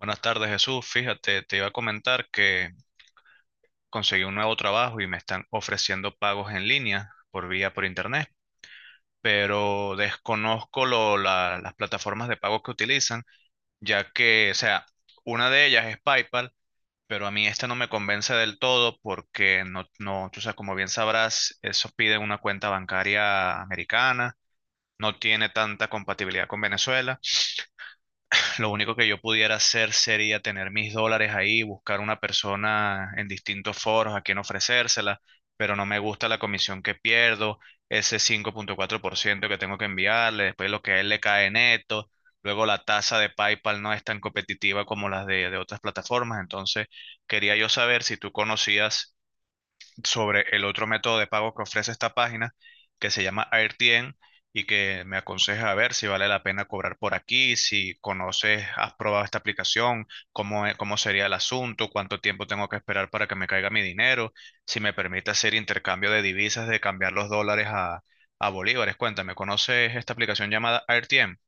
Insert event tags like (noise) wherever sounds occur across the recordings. Buenas tardes, Jesús. Fíjate, te iba a comentar que conseguí un nuevo trabajo y me están ofreciendo pagos en línea por internet, pero desconozco las plataformas de pago que utilizan, ya que, o sea, una de ellas es PayPal, pero a mí esta no me convence del todo porque no, no, tú sabes, como bien sabrás, eso pide una cuenta bancaria americana, no tiene tanta compatibilidad con Venezuela. (laughs) Lo único que yo pudiera hacer sería tener mis dólares ahí, buscar una persona en distintos foros a quien ofrecérsela, pero no me gusta la comisión que pierdo, ese 5,4% que tengo que enviarle, después lo que a él le cae neto, luego la tasa de PayPal no es tan competitiva como las de otras plataformas, entonces quería yo saber si tú conocías sobre el otro método de pago que ofrece esta página, que se llama AirTien y que me aconseja a ver si vale la pena cobrar por aquí, si conoces, has probado esta aplicación, cómo sería el asunto, cuánto tiempo tengo que esperar para que me caiga mi dinero, si me permite hacer intercambio de divisas, de cambiar los dólares a bolívares. Cuéntame, ¿conoces esta aplicación llamada AirTien?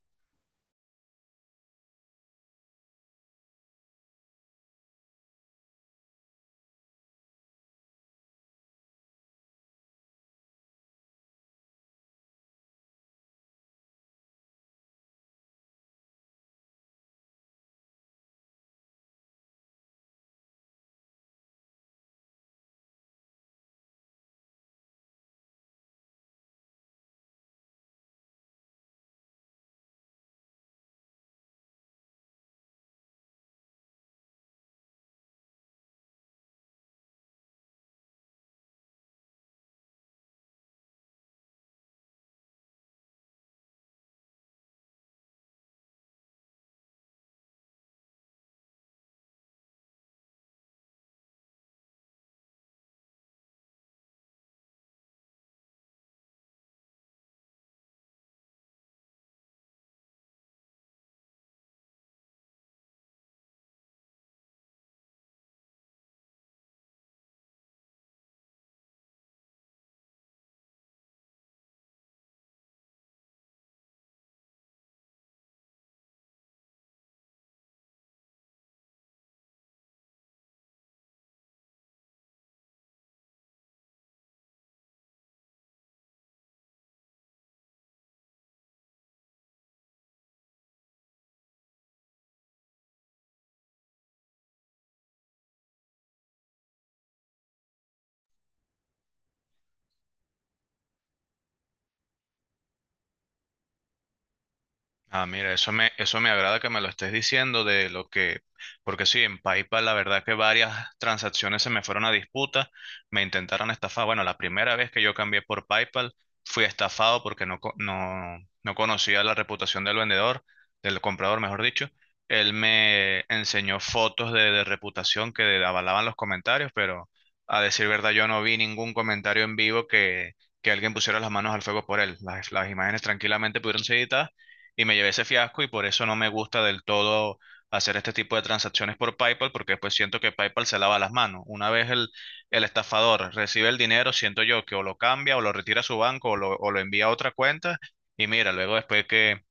Ah, mira, eso me agrada que me lo estés diciendo de lo que, porque sí, en PayPal la verdad que varias transacciones se me fueron a disputa, me intentaron estafar. Bueno, la primera vez que yo cambié por PayPal fui estafado porque no, no conocía la reputación del vendedor, del comprador, mejor dicho. Él me enseñó fotos de reputación que avalaban los comentarios, pero a decir verdad yo no vi ningún comentario en vivo que alguien pusiera las manos al fuego por él. Las imágenes tranquilamente pudieron ser editadas y me llevé ese fiasco y por eso no me gusta del todo hacer este tipo de transacciones por PayPal porque después siento que PayPal se lava las manos. Una vez el estafador recibe el dinero, siento yo que o lo cambia o lo retira a su banco o lo envía a otra cuenta y mira, luego después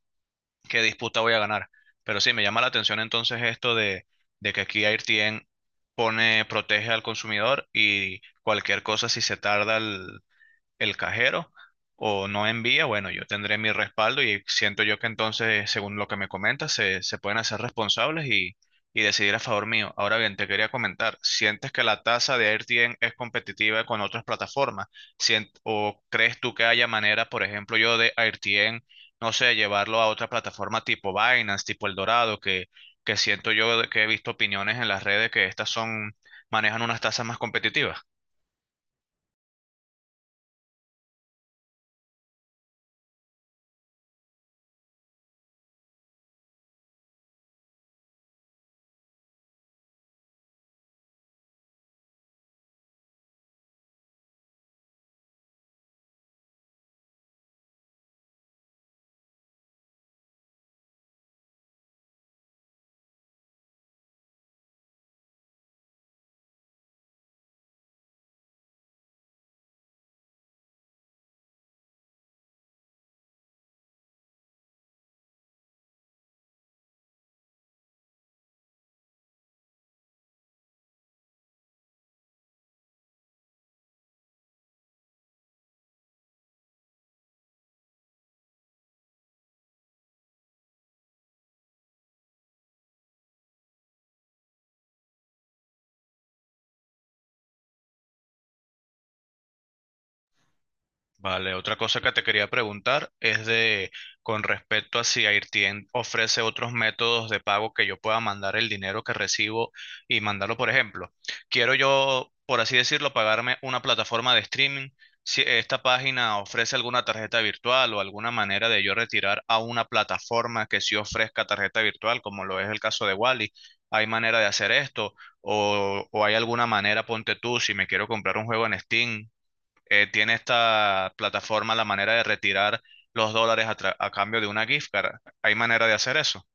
qué disputa voy a ganar. Pero sí, me llama la atención entonces esto de que aquí AirTien pone, protege al consumidor y cualquier cosa si se tarda el cajero o no envía, bueno, yo tendré mi respaldo y siento yo que entonces, según lo que me comentas, se pueden hacer responsables y decidir a favor mío. Ahora bien, te quería comentar, ¿sientes que la tasa de AirTM es competitiva con otras plataformas? ¿O crees tú que haya manera, por ejemplo, yo de AirTM, no sé, llevarlo a otra plataforma tipo Binance, tipo Eldorado, que siento yo de que he visto opiniones en las redes que estas son, manejan unas tasas más competitivas? Vale, otra cosa que te quería preguntar es de con respecto a si Airtien ofrece otros métodos de pago que yo pueda mandar el dinero que recibo y mandarlo, por ejemplo. Quiero yo, por así decirlo, pagarme una plataforma de streaming. Si esta página ofrece alguna tarjeta virtual o alguna manera de yo retirar a una plataforma que sí ofrezca tarjeta virtual, como lo es el caso de Wally, ¿hay manera de hacer esto? ¿O hay alguna manera, ponte tú, si me quiero comprar un juego en Steam? Tiene esta plataforma la manera de retirar los dólares a cambio de una gift card. ¿Hay manera de hacer eso?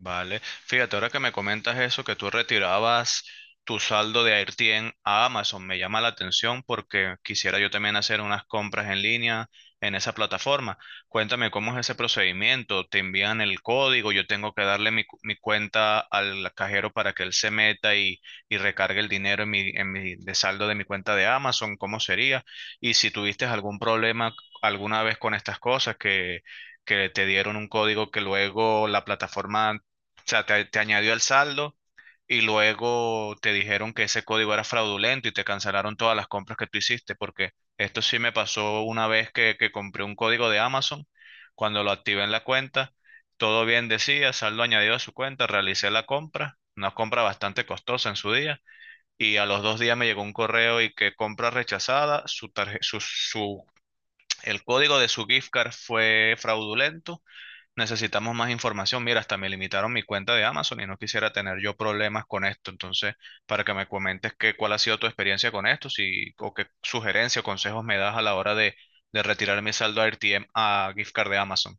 Vale, fíjate, ahora que me comentas eso, que tú retirabas tu saldo de AirTien a Amazon, me llama la atención porque quisiera yo también hacer unas compras en línea en esa plataforma. Cuéntame cómo es ese procedimiento, te envían el código, yo tengo que darle mi cuenta al cajero para que él se meta y recargue el dinero de saldo de mi cuenta de Amazon, ¿cómo sería? Y si tuviste algún problema alguna vez con estas cosas que te dieron un código que luego la plataforma, o sea, te añadió al saldo y luego te dijeron que ese código era fraudulento y te cancelaron todas las compras que tú hiciste, porque esto sí me pasó una vez que compré un código de Amazon, cuando lo activé en la cuenta, todo bien decía, saldo añadido a su cuenta, realicé la compra, una compra bastante costosa en su día, y a los 2 días me llegó un correo y que compra rechazada, su tarje- su, el código de su gift card fue fraudulento, necesitamos más información. Mira, hasta me limitaron mi cuenta de Amazon y no quisiera tener yo problemas con esto. Entonces, para que me comentes cuál ha sido tu experiencia con esto, si, o qué sugerencia o consejos me das a la hora de retirar mi saldo a RTM a gift card de Amazon.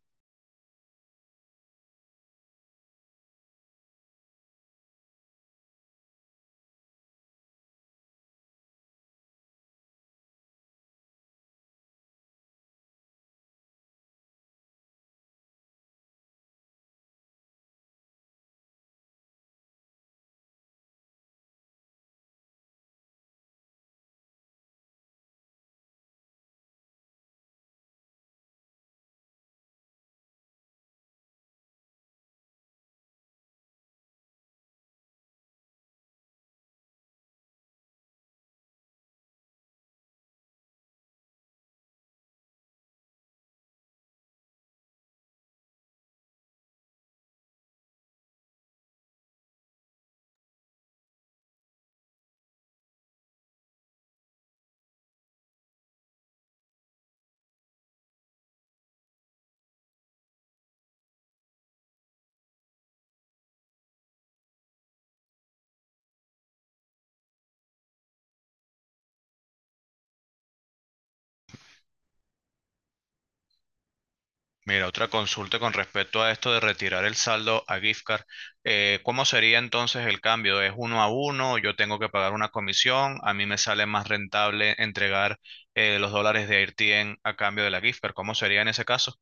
Mira, otra consulta con respecto a esto de retirar el saldo a gift card. ¿Cómo sería entonces el cambio? ¿Es uno a uno? ¿Yo tengo que pagar una comisión? ¿A mí me sale más rentable entregar los dólares de RTM a cambio de la gift card? ¿Cómo sería en ese caso?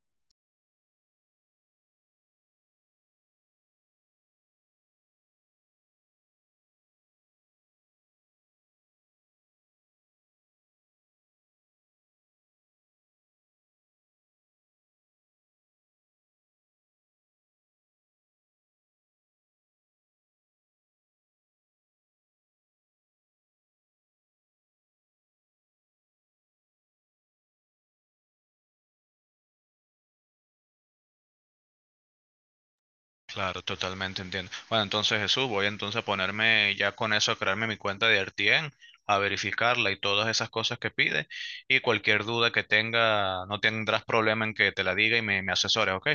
Claro, totalmente entiendo. Bueno, entonces Jesús, voy entonces a ponerme ya con eso, a crearme mi cuenta de RTN, a verificarla y todas esas cosas que pide. Y cualquier duda que tenga, no tendrás problema en que te la diga y me asesores, ¿ok?